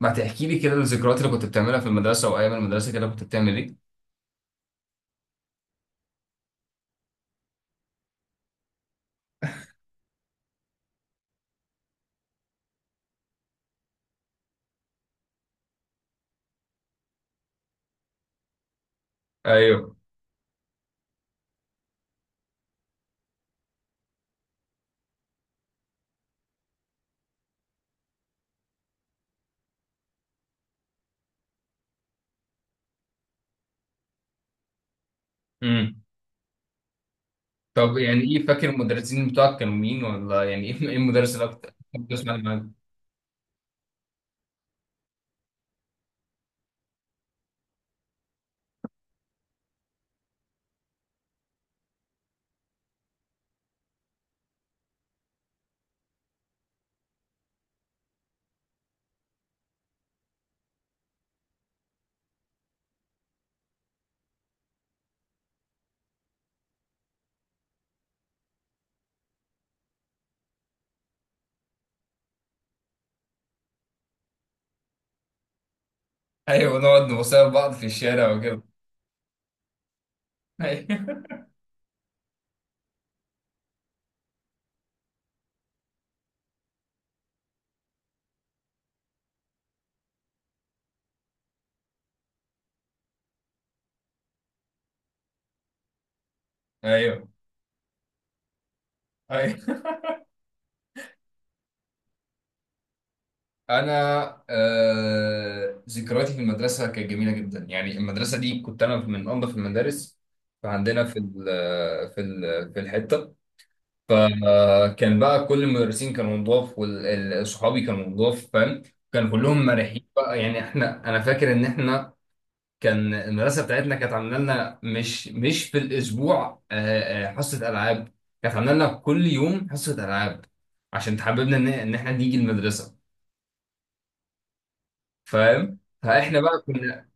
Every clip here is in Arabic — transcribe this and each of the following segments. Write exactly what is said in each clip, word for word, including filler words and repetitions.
ما تحكي لي كده الذكريات اللي كنت بتعملها في المدرسة وأيام المدرسة كده كنت بتعمل إيه؟ ايوه. امم. طب يعني إيه، فاكر المدرسين بتوعك كانوا مين، ولا يعني إيه، إيه المدرس اللي أكتر كنت بتسمع معاك؟ أيوه، نقعد نبص لبعض في الشارع وكده. أيوه. أيوه. أيوه. أنا آه... ذكرياتي في المدرسة كانت جميلة جدا، يعني المدرسة دي كنت أنا من أنظف المدارس. فعندنا في ال في ال في الحتة، فكان بقى كل المدرسين كانوا نضاف، وصحابي كانوا نضاف، فاهم؟ كانوا كلهم مرحين بقى، يعني احنا انا فاكر ان احنا كان المدرسه بتاعتنا كانت عامله لنا مش مش في الاسبوع آه، آه، حصه العاب، كانت عامله لنا كل يوم حصه العاب، عشان تحببنا ان ان احنا نيجي المدرسه، فاهم؟ فاحنا بقى كنا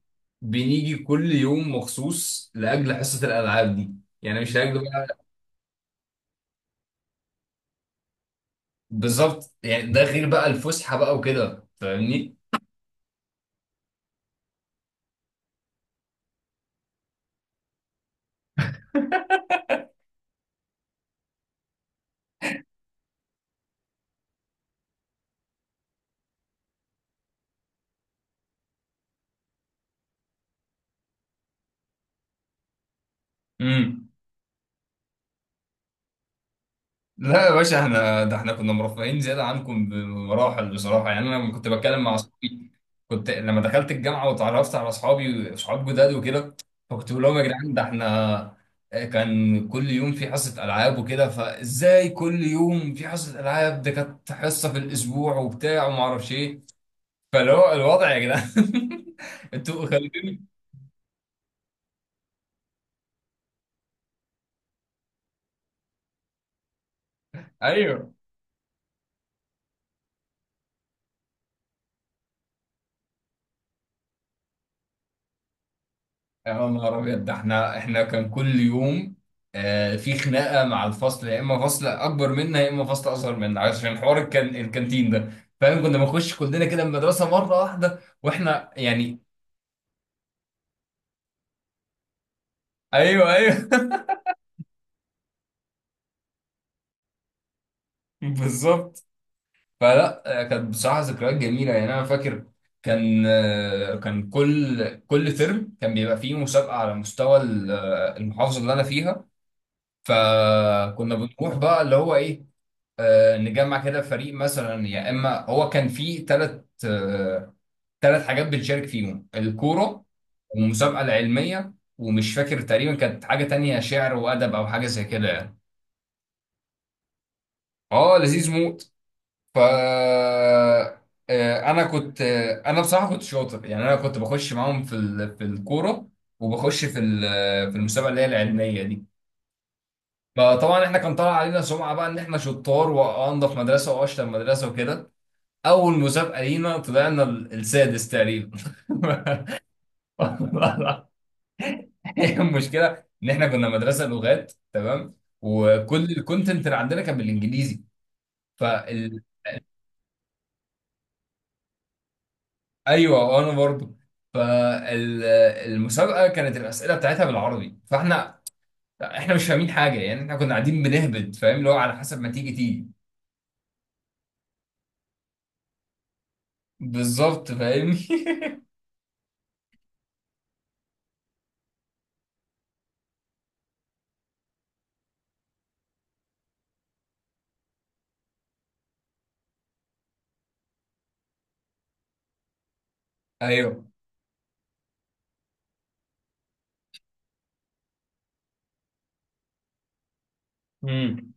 بنيجي كل يوم مخصوص لاجل حصه الالعاب دي، يعني مش لاجل بقى. بالظبط، يعني ده غير بقى الفسحه بقى وكده، فاهمني؟ امم. لا يا باشا، احنا ده احنا كنا مرفهين زياده عنكم بمراحل بصراحه، يعني انا لما كنت بتكلم مع اصحابي، كنت لما دخلت الجامعه وتعرفت على اصحابي صحاب جداد وكده، فكنت بقول لهم يا جدعان ده احنا كان كل يوم في حصه العاب وكده، فازاي كل يوم في حصه العاب، ده كانت حصه في الاسبوع وبتاع وما اعرفش ايه، فاللي هو الوضع يا جدعان. انتوا خليتوني. ايوه. يا نهار ابيض، ده احنا احنا كان كل يوم آه في خناقه مع الفصل، يا اما فصل اكبر منا يا اما فصل اصغر منا، عشان حوار الكان الكانتين ده، فاهم؟ كنا بنخش كلنا كده المدرسه مره واحده واحنا يعني. ايوه، ايوه. بالظبط. فلا، آه، كانت بصراحه ذكريات جميله، يعني انا فاكر كان آه كان كل كل ترم كان بيبقى فيه مسابقه على مستوى ال- آه، المحافظه اللي انا فيها، فكنا بنروح بقى اللي هو ايه، آه، نجمع كده فريق مثلا، يا اما هو كان فيه ثلاث ثلاث حاجات بنشارك فيهم: الكوره والمسابقه العلميه، ومش فاكر، تقريبا كانت حاجه تانية شعر وادب او حاجه زي كده يعني. اه، لذيذ موت. ف آه، انا كنت، آه، انا بصراحه كنت شاطر، يعني انا كنت بخش معاهم في ال... في الكوره، وبخش في ال... في المسابقه اللي هي العلميه دي، فطبعا احنا كان طالع علينا سمعه بقى ان احنا شطار وانضف مدرسه واشطر مدرسه وكده. اول مسابقه لينا طلعنا ال- السادس تقريبا. هي المشكله ان احنا كنا مدرسه لغات، تمام؟ وكل الكونتنت اللي عندنا كان بالانجليزي، فال... ايوه انا برضو. فالمسابقه كانت الاسئله بتاعتها بالعربي، فاحنا احنا مش فاهمين حاجه، يعني احنا كنا قاعدين بنهبد، فاهم؟ اللي هو على حسب ما تيجي تيجي. بالظبط فاهمني. ايوه. امم.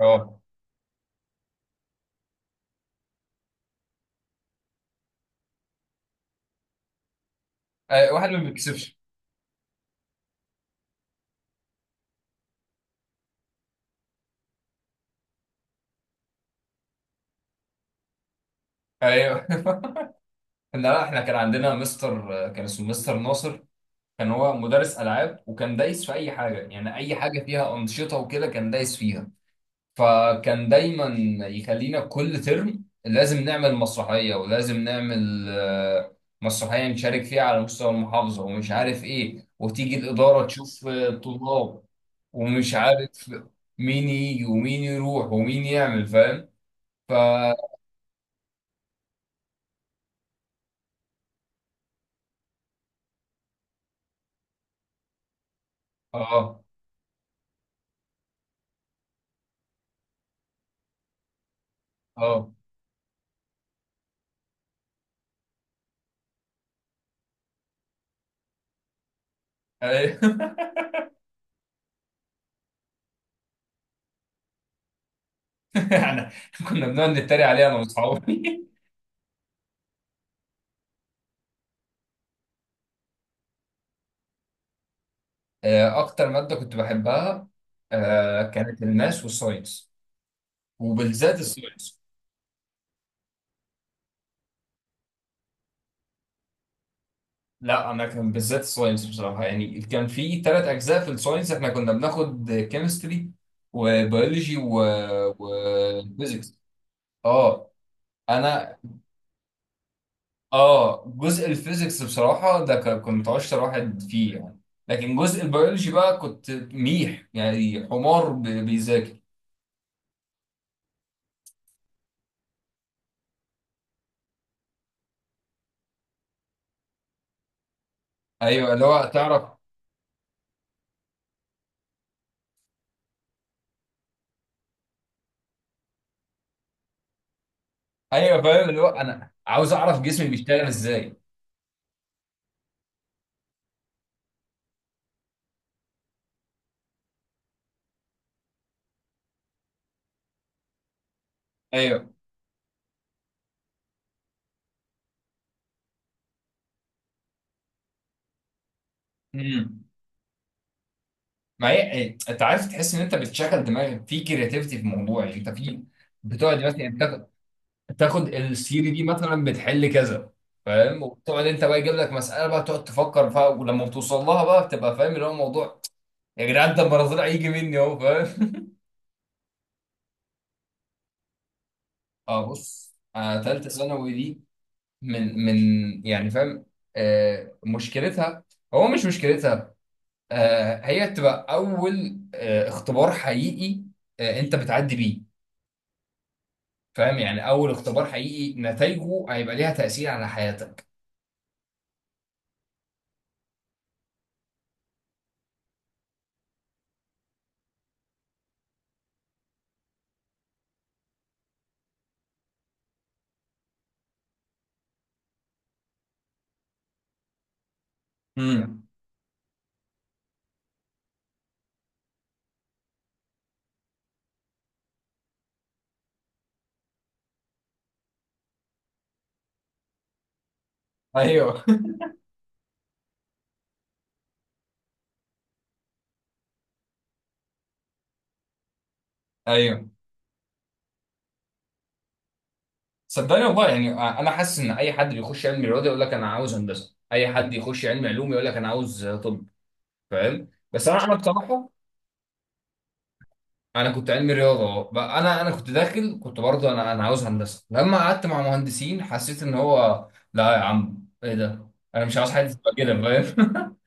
اه. أي-، واحد ما بيكسبش. ايوه. لا، احنا كان عندنا مستر، كان اسمه مستر ناصر، كان هو مدرس العاب وكان دايس في اي حاجه، يعني اي حاجه فيها انشطه وكده كان دايس فيها، فكان دايما يخلينا كل ترم لازم نعمل مسرحيه، ولازم نعمل آه، مسرحيه نشارك فيها على مستوى المحافظه ومش عارف ايه، وتيجي الاداره تشوف آه، الطلاب ومش عارف مين يجي ومين يروح ومين يعمل، فاهم؟ ف اه. اه. أيوه. يعني كنا بنقعد نتريق عليها انا واصحابي. آه، اكتر ماده كنت بحبها، آه، كانت الماس والساينس، وبالذات الساينس. لا، انا كان بالذات الساينس بصراحه، يعني كان في ثلاث اجزاء في الساينس، احنا كنا بناخد كيمستري وبيولوجي وفيزيكس. اه. انا اه جزء الفيزيكس بصراحه ده ك- كنت اشطر واحد فيه يعني، لكن جزء البيولوجي بقى كنت ميح، يعني حمار ب- بيذاكر. ايوه، اللي هو تعرف. ايوه، فاهم، اللي هو انا عاوز اعرف جسمي بيشتغل ازاي. ايوه. امم. ما هي إيه، انت عارف تحس ان انت بتشغل دماغك في كرياتيفيتي في الموضوع، يعني انت في بتقعد مثلا تاخد تاخد الثيوري دي مثلا، بتحل كذا، فاهم؟ وبتقعد انت بقى يجيب لك مساله بقى تقعد تفكر فيها، ولما بتوصل لها بقى بتبقى فاهم اللي هو الموضوع. يا جدعان ده المناظير هيجي مني اهو، فاهم؟ اه بص، انا ثالثه ثانوي دي من من يعني فاهم، آه مشكلتها، هو مش مشكلتها، آه، هي بتبقى اول آه، اختبار حقيقي آه، انت بتعدي بيه، فاهم؟ يعني اول اختبار حقيقي نتائجه هيبقى ليها تأثير على حياتك. امم. ايوه. ايوه. صدقني والله، يعني آه، انا حاسس ان اي حد بيخش علم رياضه يقول لك انا عاوز هندسه، اي حد يخش علم علوم يقول لك انا عاوز طب، فاهم؟ بس انا انا بصراحه انا كنت علمي رياضه، أه. بقى انا انا كنت داخل، كنت برضه انا انا عاوز هندسه، لما قعدت مع مهندسين حسيت ان هو لا يا عم، ايه ده، انا مش عاوز حد يبقى كده، فاهم؟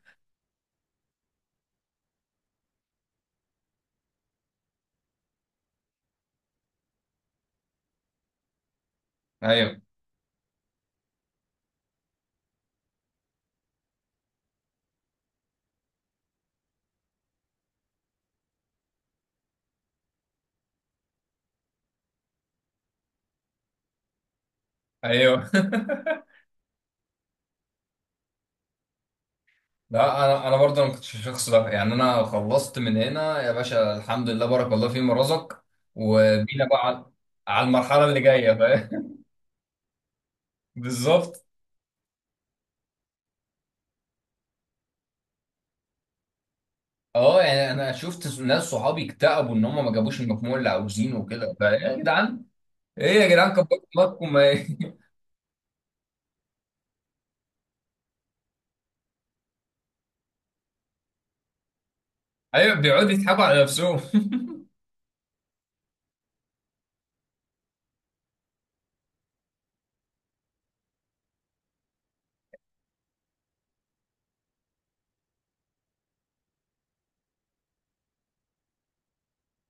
ايوه، ايوه. لا انا انا برضه ما كنتش الشخص ده، يعني انا خلصت من هنا يا باشا، الحمد لله، بارك الله فيما رزق وبينا بقى على على المرحله اللي جايه، فاهم؟ بالظبط. اه يعني انا شفت ناس صحابي اكتئبوا ان هم ما جابوش المجموع اللي عاوزينه وكده، فايه يا جدعان، ايه يا جدعان، كبروا دماغكم ايه. ايوه، بيقعدوا يضحكوا على نفسهم.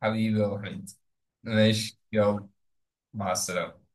حبيبي يا وحيد، ماشي، يلا، مع السلامه.